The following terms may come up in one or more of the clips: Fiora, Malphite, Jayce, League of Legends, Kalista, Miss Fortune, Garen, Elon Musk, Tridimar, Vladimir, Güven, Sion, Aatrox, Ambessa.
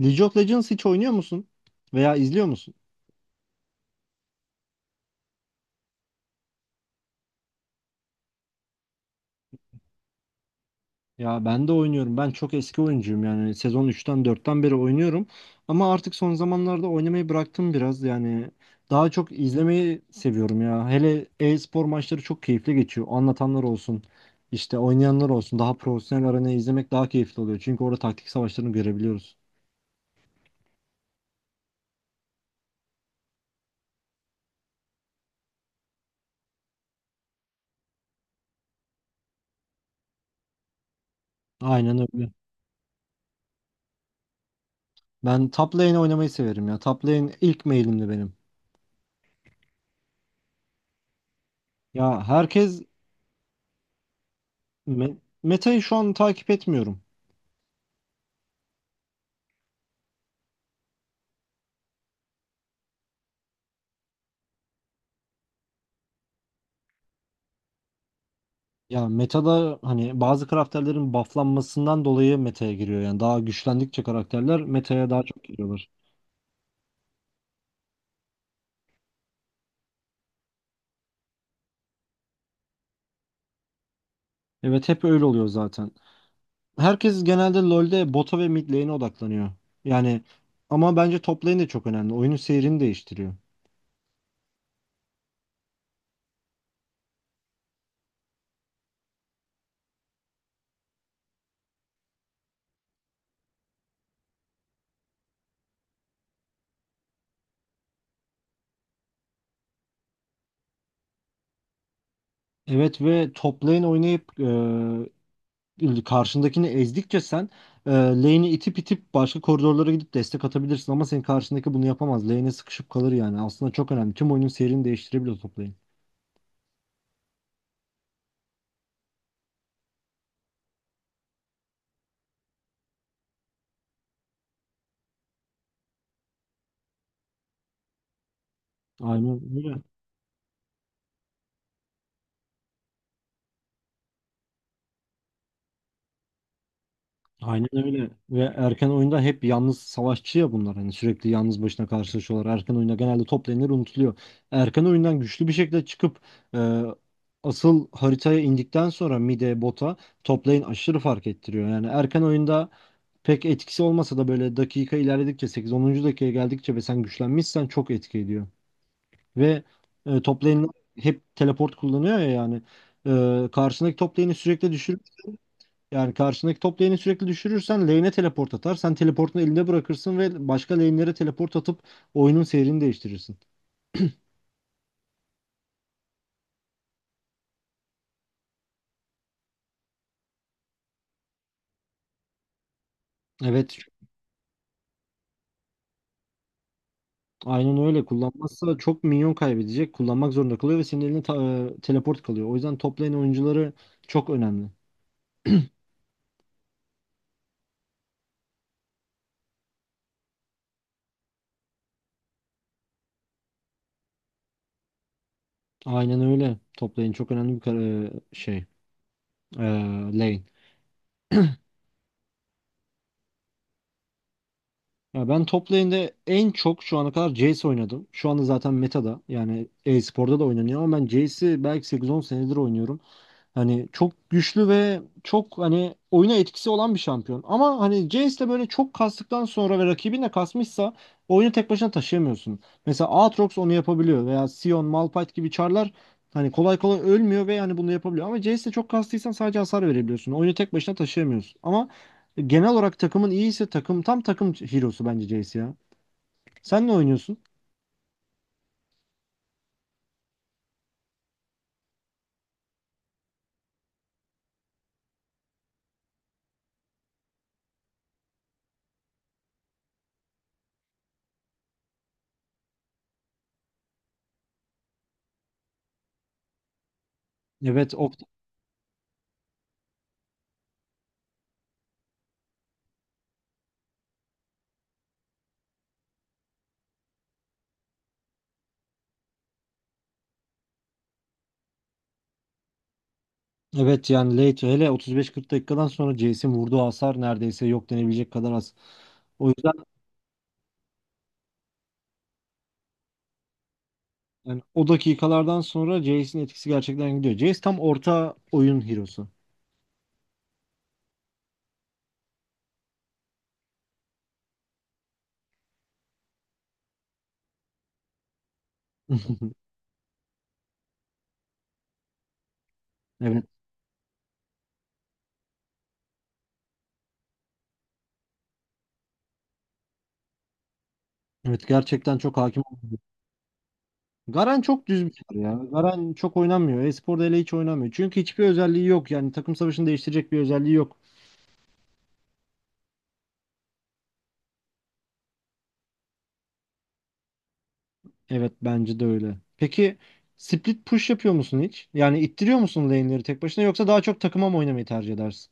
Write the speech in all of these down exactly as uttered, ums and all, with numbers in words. League of Legends hiç oynuyor musun? Veya izliyor musun? Ya ben de oynuyorum. Ben çok eski oyuncuyum yani. Sezon üçten dörtten beri oynuyorum. Ama artık son zamanlarda oynamayı bıraktım biraz. Yani daha çok izlemeyi seviyorum ya. Hele e-spor maçları çok keyifli geçiyor. Anlatanlar olsun, işte oynayanlar olsun. Daha profesyonel arenayı izlemek daha keyifli oluyor. Çünkü orada taktik savaşlarını görebiliyoruz. Aynen öyle. Ben top lane oynamayı severim ya. Top lane ilk mailimdi benim. Ya herkes me- metayı şu an takip etmiyorum. Ya metada hani bazı karakterlerin bufflanmasından dolayı meta'ya giriyor. Yani daha güçlendikçe karakterler meta'ya daha çok giriyorlar. Evet hep öyle oluyor zaten. Herkes genelde lolde bota ve mid lane'e odaklanıyor. Yani ama bence top lane de çok önemli. Oyunun seyrini değiştiriyor. Evet ve top lane oynayıp e, karşındakini ezdikçe sen e, lane'i itip itip başka koridorlara gidip destek atabilirsin. Ama senin karşındaki bunu yapamaz. Lane'e sıkışıp kalır yani. Aslında çok önemli. Tüm oyunun seyrini değiştirebiliyor top lane. Aynen öyle. Aynen öyle. Ve erken oyunda hep yalnız savaşçı ya bunlar. Hani sürekli yalnız başına karşılaşıyorlar. Erken oyunda genelde toplanır unutuluyor. Erken oyundan güçlü bir şekilde çıkıp e, asıl haritaya indikten sonra mid'e bota toplayın aşırı fark ettiriyor. Yani erken oyunda pek etkisi olmasa da böyle dakika ilerledikçe sekiz onuncu dakikaya geldikçe ve sen güçlenmişsen çok etki ediyor. Ve e, Top lane'ler hep teleport kullanıyor ya yani. E, karşındaki top lane'i sürekli düşür yani karşındaki top lane'i sürekli düşürürsen lane'e teleport atar. Sen teleportunu elinde bırakırsın ve başka lane'lere teleport atıp oyunun seyrini değiştirirsin. Evet, aynen öyle. Kullanmazsa çok minyon kaybedecek. Kullanmak zorunda kalıyor ve senin eline ta- e, teleport kalıyor. O yüzden top lane oyuncuları çok önemli. Aynen öyle. Top lane çok önemli bir kar- e, şey. E, Lane. Ya ben top lane'de en çok şu ana kadar Jayce oynadım. Şu anda zaten meta'da yani e-sporda da oynanıyor ama ben Jayce'i belki sekiz on senedir oynuyorum. Hani çok güçlü ve çok hani oyuna etkisi olan bir şampiyon. Ama hani Jayce'le böyle çok kastıktan sonra ve rakibin de kasmışsa oyunu tek başına taşıyamıyorsun. Mesela Aatrox onu yapabiliyor veya Sion, Malphite gibi çarlar hani kolay kolay ölmüyor ve hani bunu yapabiliyor. Ama Jayce'le çok kastıysan sadece hasar verebiliyorsun. Oyunu tek başına taşıyamıyorsun. Ama genel olarak takımın iyiyse takım tam takım hero'su bence Jayce ya. Sen ne oynuyorsun? Evet, Okt evet yani late hele otuz beş kırk dakikadan sonra Jayce'in vurduğu hasar neredeyse yok denebilecek kadar az. O yüzden yani o dakikalardan sonra Jayce'in etkisi gerçekten gidiyor. Jayce tam orta oyun hero'su. Evet. Evet gerçekten çok hakim olmadı. Garen çok düz bir şey ya. Garen çok oynanmıyor. E-sporda hele hiç oynanmıyor. Çünkü hiçbir özelliği yok. Yani takım savaşını değiştirecek bir özelliği yok. Evet bence de öyle. Peki split push yapıyor musun hiç? Yani ittiriyor musun lane'leri tek başına yoksa daha çok takıma mı oynamayı tercih edersin?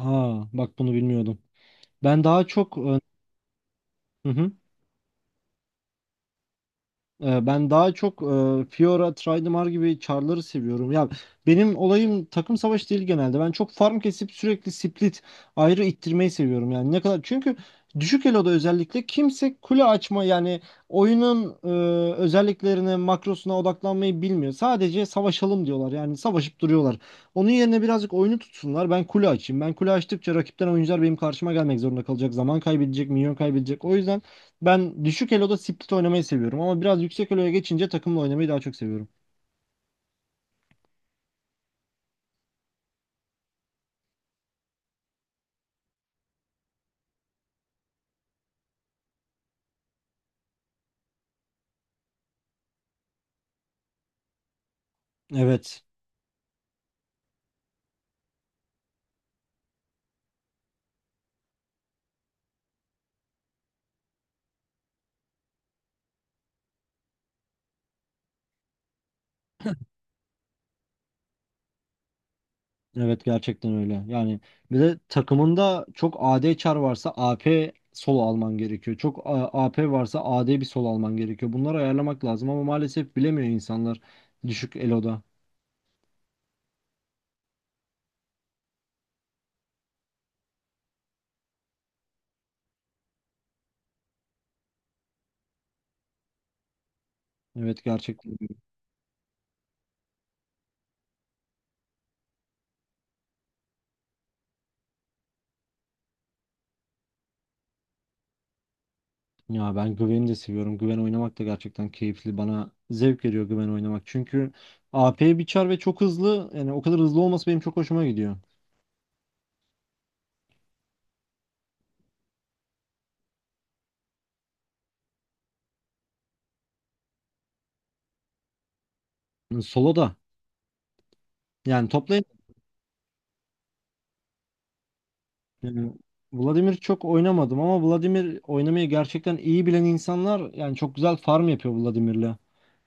Aa bak bunu bilmiyordum. Ben daha çok... e, Hı hı. Ee, Ben daha çok e, Fiora, Tridimar gibi char'ları seviyorum. Ya benim olayım takım savaşı değil genelde. Ben çok farm kesip sürekli split ayrı ittirmeyi seviyorum. Yani ne kadar çünkü düşük eloda özellikle kimse kule açma yani oyunun e, özelliklerine, makrosuna odaklanmayı bilmiyor. Sadece savaşalım diyorlar. Yani savaşıp duruyorlar. Onun yerine birazcık oyunu tutsunlar. Ben kule açayım. Ben kule açtıkça rakipten oyuncular benim karşıma gelmek zorunda kalacak. Zaman kaybedecek, minyon kaybedecek. O yüzden ben düşük eloda split oynamayı seviyorum ama biraz yüksek eloya geçince takımla oynamayı daha çok seviyorum. Evet. Evet gerçekten öyle. Yani bir de takımında çok A D çar varsa A P solo alman gerekiyor. Çok A- AP varsa A D bir solo alman gerekiyor. Bunları ayarlamak lazım ama maalesef bilemiyor insanlar düşük eloda. Evet gerçekten öyle. Ya ben Güven'i de seviyorum. Güven oynamak da gerçekten keyifli. Bana zevk veriyor Güven oynamak. Çünkü A P bir çar ve çok hızlı. Yani o kadar hızlı olması benim çok hoşuma gidiyor. Solo da. Yani toplayın yani Vladimir çok oynamadım ama Vladimir oynamayı gerçekten iyi bilen insanlar yani çok güzel farm yapıyor Vladimir'le.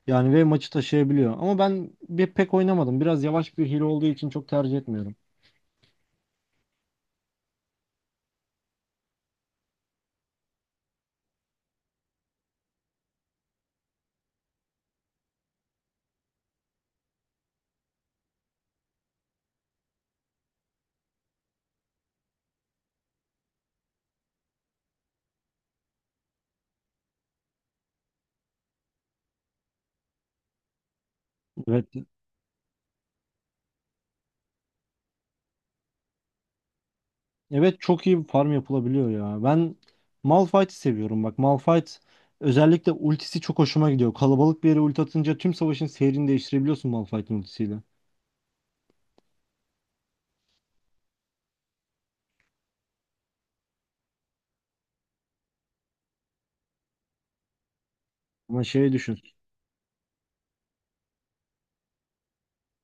Yani ve maçı taşıyabiliyor. Ama ben bir pek oynamadım. Biraz yavaş bir hile olduğu için çok tercih etmiyorum. Evet. Evet çok iyi bir farm yapılabiliyor ya. Ben Malphite'i seviyorum bak. Malphite özellikle ultisi çok hoşuma gidiyor. Kalabalık bir yere ulti atınca tüm savaşın seyrini değiştirebiliyorsun Malphite'in ultisiyle. Ama şey düşün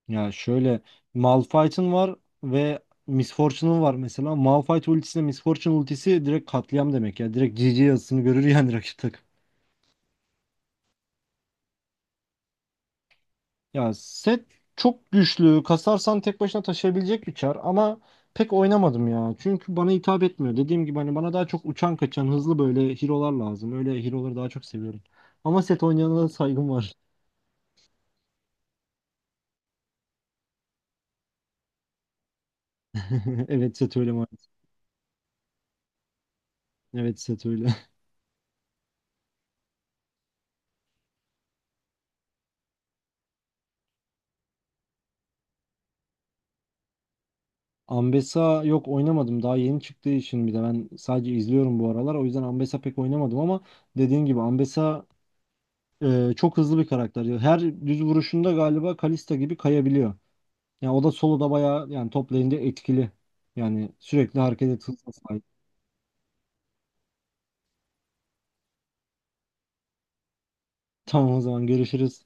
ya şöyle Malphite'ın var ve Miss Fortune'ın var mesela. Malphite ultisiyle Miss Fortune ultisi direkt katliam demek ya. Direkt G G yazısını görür yani rakip takım. Ya set çok güçlü. Kasarsan tek başına taşıyabilecek bir çar ama pek oynamadım ya. Çünkü bana hitap etmiyor. Dediğim gibi hani bana daha çok uçan kaçan hızlı böyle hero'lar lazım. Öyle hero'ları daha çok seviyorum. Ama set oynayana da saygım var. Evet set öyle maalesef. Evet set öyle. Ambessa yok oynamadım. Daha yeni çıktığı için bir de ben sadece izliyorum bu aralar. O yüzden Ambessa pek oynamadım ama dediğin gibi Ambessa e, çok hızlı bir karakter ya. Her düz vuruşunda galiba Kalista gibi kayabiliyor. Yani o da soloda bayağı yani top lane'de etkili. Yani sürekli hareket et hızına sahip. Tamam o zaman görüşürüz.